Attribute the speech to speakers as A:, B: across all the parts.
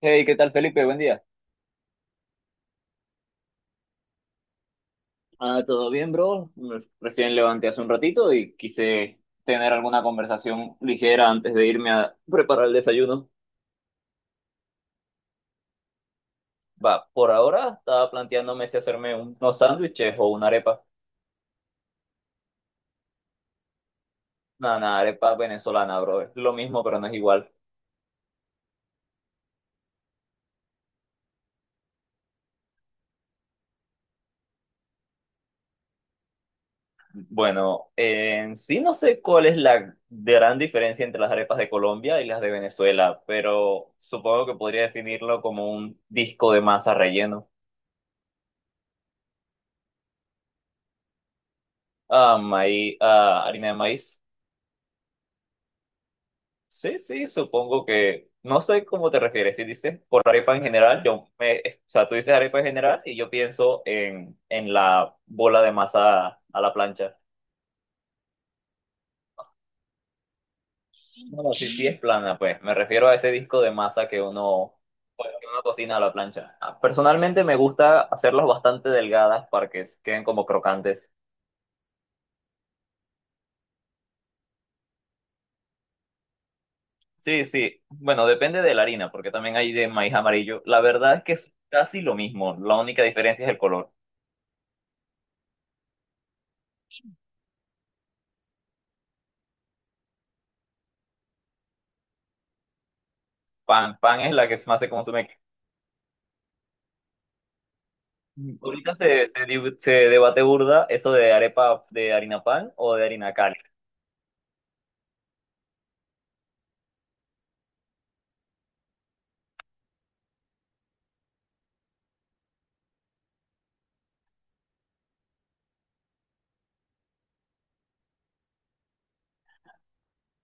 A: Hey, ¿qué tal, Felipe? Buen día. Ah, ¿todo bien, bro? Recién levanté hace un ratito y quise tener alguna conversación ligera antes de irme a preparar el desayuno. Va, por ahora estaba planteándome si hacerme unos sándwiches o una arepa. Nada, nada, arepa venezolana, bro. Es lo mismo, pero no es igual. Bueno, en sí no sé cuál es la gran diferencia entre las arepas de Colombia y las de Venezuela, pero supongo que podría definirlo como un disco de masa relleno. Maíz, harina de maíz. Sí, sí, supongo que, no sé cómo te refieres, si dices por arepa en general, o sea, tú dices arepa en general y yo pienso en la bola de masa a la plancha. No, sí, sí es plana, pues, me refiero a ese disco de masa, pues, que uno cocina a la plancha. Personalmente me gusta hacerlas bastante delgadas para que queden como crocantes. Sí, sí, bueno, depende de la harina, porque también hay de maíz amarillo. La verdad es que es casi lo mismo, la única diferencia es el color. Pan, pan es la que más se consume. Mm. Ahorita se debate burda eso de arepa de harina pan o de harina cal.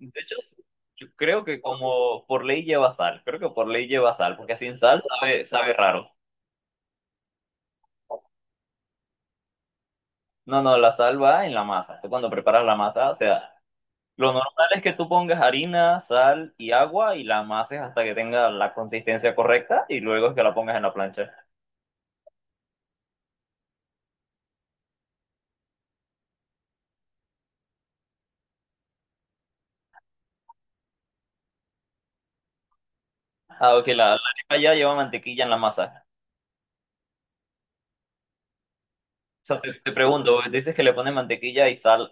A: De hecho, yo creo que como por ley lleva sal, creo que por ley lleva sal, porque sin sal sabe raro. No, no, la sal va en la masa. Tú cuando preparas la masa, o sea, lo normal es que tú pongas harina, sal y agua y la amases hasta que tenga la consistencia correcta y luego es que la pongas en la plancha. Ok, la arepa ya lleva mantequilla en la masa. O sea, te pregunto, dices que le pones mantequilla y sal.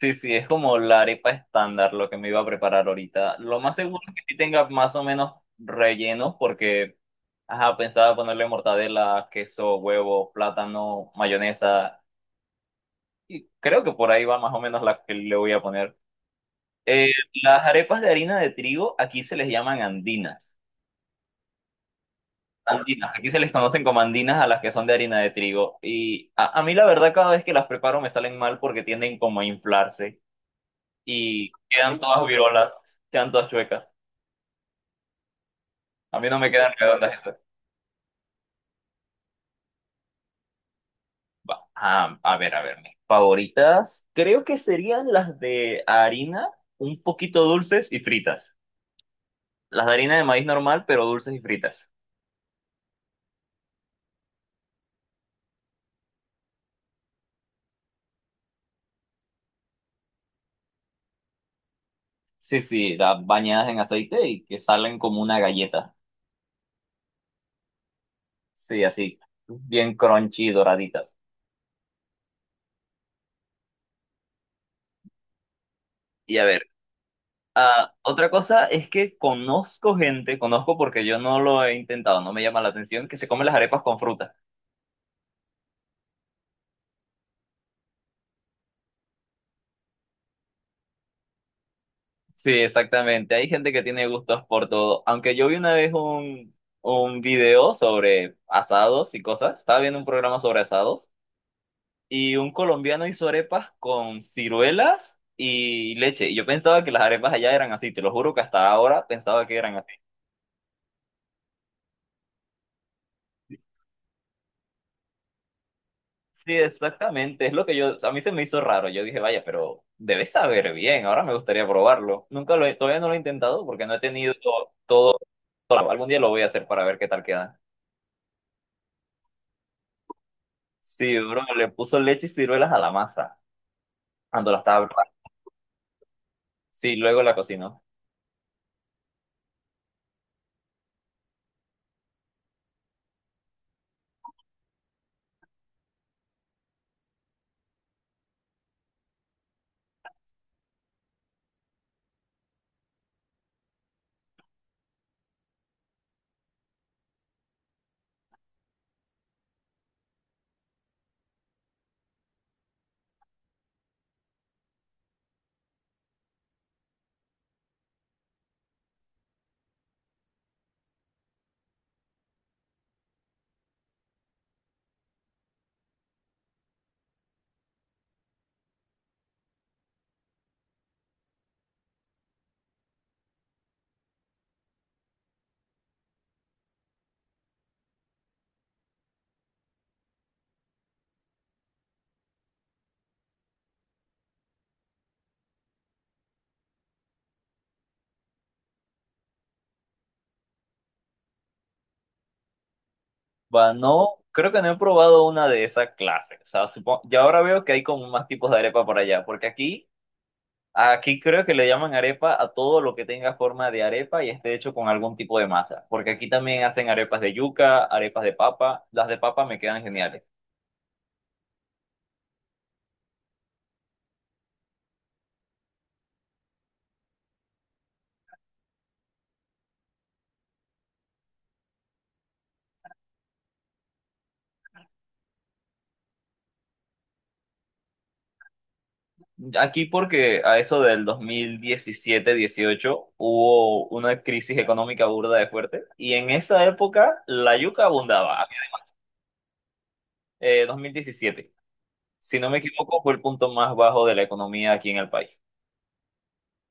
A: Sí, sí, es como la arepa estándar lo que me iba a preparar ahorita. Lo más seguro es que sí tenga más o menos relleno porque, ajá, pensaba ponerle mortadela, queso, huevo, plátano, mayonesa y creo que por ahí va más o menos la que le voy a poner. Eh, las arepas de harina de trigo aquí se les llaman andinas. Andinas, aquí se les conocen como andinas a las que son de harina de trigo. Y a mí la verdad cada vez que las preparo me salen mal porque tienden como a inflarse y quedan todas virolas, quedan todas chuecas. A mí no me quedan redondas estas. Va, a ver, mis favoritas creo que serían las de harina, un poquito dulces y fritas. Las de harina de maíz normal, pero dulces y fritas. Sí, sí, las bañadas en aceite y que salen como una galleta. Sí, así, bien crunchy y doraditas. Y a ver, otra cosa es que conozco gente, conozco porque yo no lo he intentado, no me llama la atención, que se come las arepas con fruta. Sí, exactamente. Hay gente que tiene gustos por todo. Aunque yo vi una vez un video sobre asados y cosas. Estaba viendo un programa sobre asados y un colombiano hizo arepas con ciruelas y leche. Y yo pensaba que las arepas allá eran así. Te lo juro que hasta ahora pensaba que eran así. Sí, exactamente. Es lo que yo, a mí se me hizo raro. Yo dije, vaya, pero debes saber bien. Ahora me gustaría probarlo. Nunca lo he, todavía no lo he intentado porque no he tenido todo, todo. Algún día lo voy a hacer para ver qué tal queda. Sí, bro, le puso leche y ciruelas a la masa cuando la estaba preparando. Sí, luego la cocinó. Va, no, creo que no he probado una de esas clases. O sea, supongo, y ahora veo que hay como más tipos de arepa por allá, porque aquí creo que le llaman arepa a todo lo que tenga forma de arepa y esté hecho con algún tipo de masa. Porque aquí también hacen arepas de yuca, arepas de papa. Las de papa me quedan geniales. Aquí porque a eso del 2017-18 hubo una crisis económica burda de fuerte y en esa época la yuca abundaba. 2017, si no me equivoco, fue el punto más bajo de la economía aquí en el país.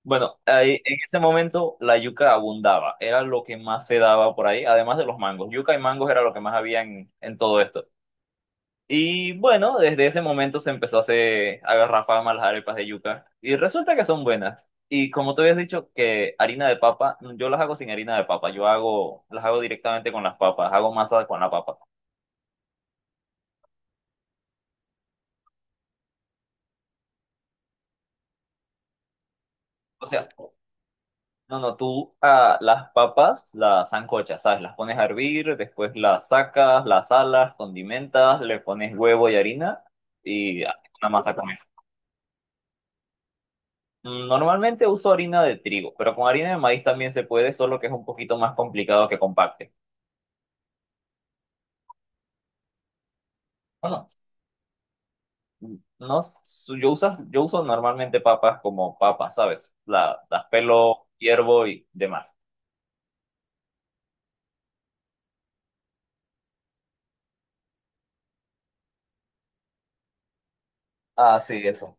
A: Bueno, ahí, en ese momento la yuca abundaba, era lo que más se daba por ahí, además de los mangos. Yuca y mangos era lo que más había en todo esto. Y bueno, desde ese momento se empezó a hacer, a agarrar fama las arepas de yuca. Y resulta que son buenas. Y como te habías dicho que harina de papa, yo las hago sin harina de papa, las hago directamente con las papas, hago masa con la papa. O sea, no, no, tú las papas las sancochas, ¿sabes? Las pones a hervir, después las sacas, las salas, condimentas, le pones huevo y harina y haces una masa con eso. Normalmente uso harina de trigo, pero con harina de maíz también se puede, solo que es un poquito más complicado que compacte. Bueno, no, yo uso normalmente papas como papas, ¿sabes? Las pelo, hiervo y demás. Ah, sí, eso.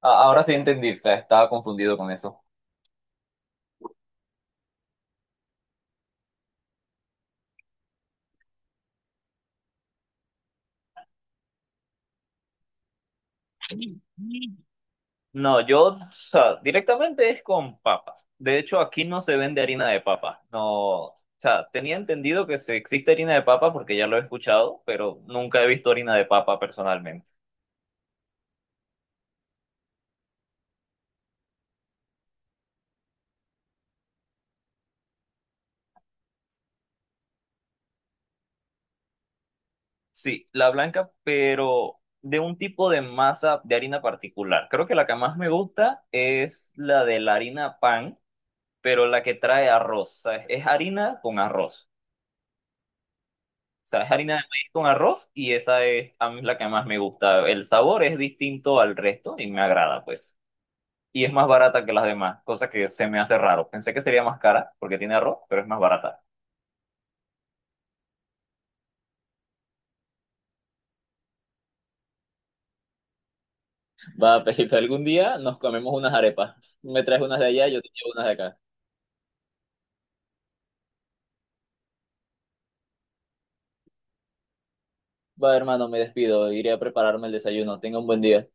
A: Ah, ahora sí entendí, estaba confundido con eso. No, yo, o sea, directamente es con papas. De hecho, aquí no se vende harina de papa. No, o sea, tenía entendido que se existe harina de papa porque ya lo he escuchado, pero nunca he visto harina de papa personalmente. Sí, la blanca, pero de un tipo de masa de harina particular. Creo que la que más me gusta es la de la harina pan, pero la que trae arroz. ¿Sabes? Es harina con arroz. O sea, es harina de maíz con arroz y esa es a mí la que más me gusta. El sabor es distinto al resto y me agrada, pues. Y es más barata que las demás, cosa que se me hace raro. Pensé que sería más cara porque tiene arroz, pero es más barata. Va, Pepito, algún día nos comemos unas arepas. Me traes unas de allá, yo te llevo unas de acá. Va, hermano, me despido. Iré a prepararme el desayuno. Tenga un buen día.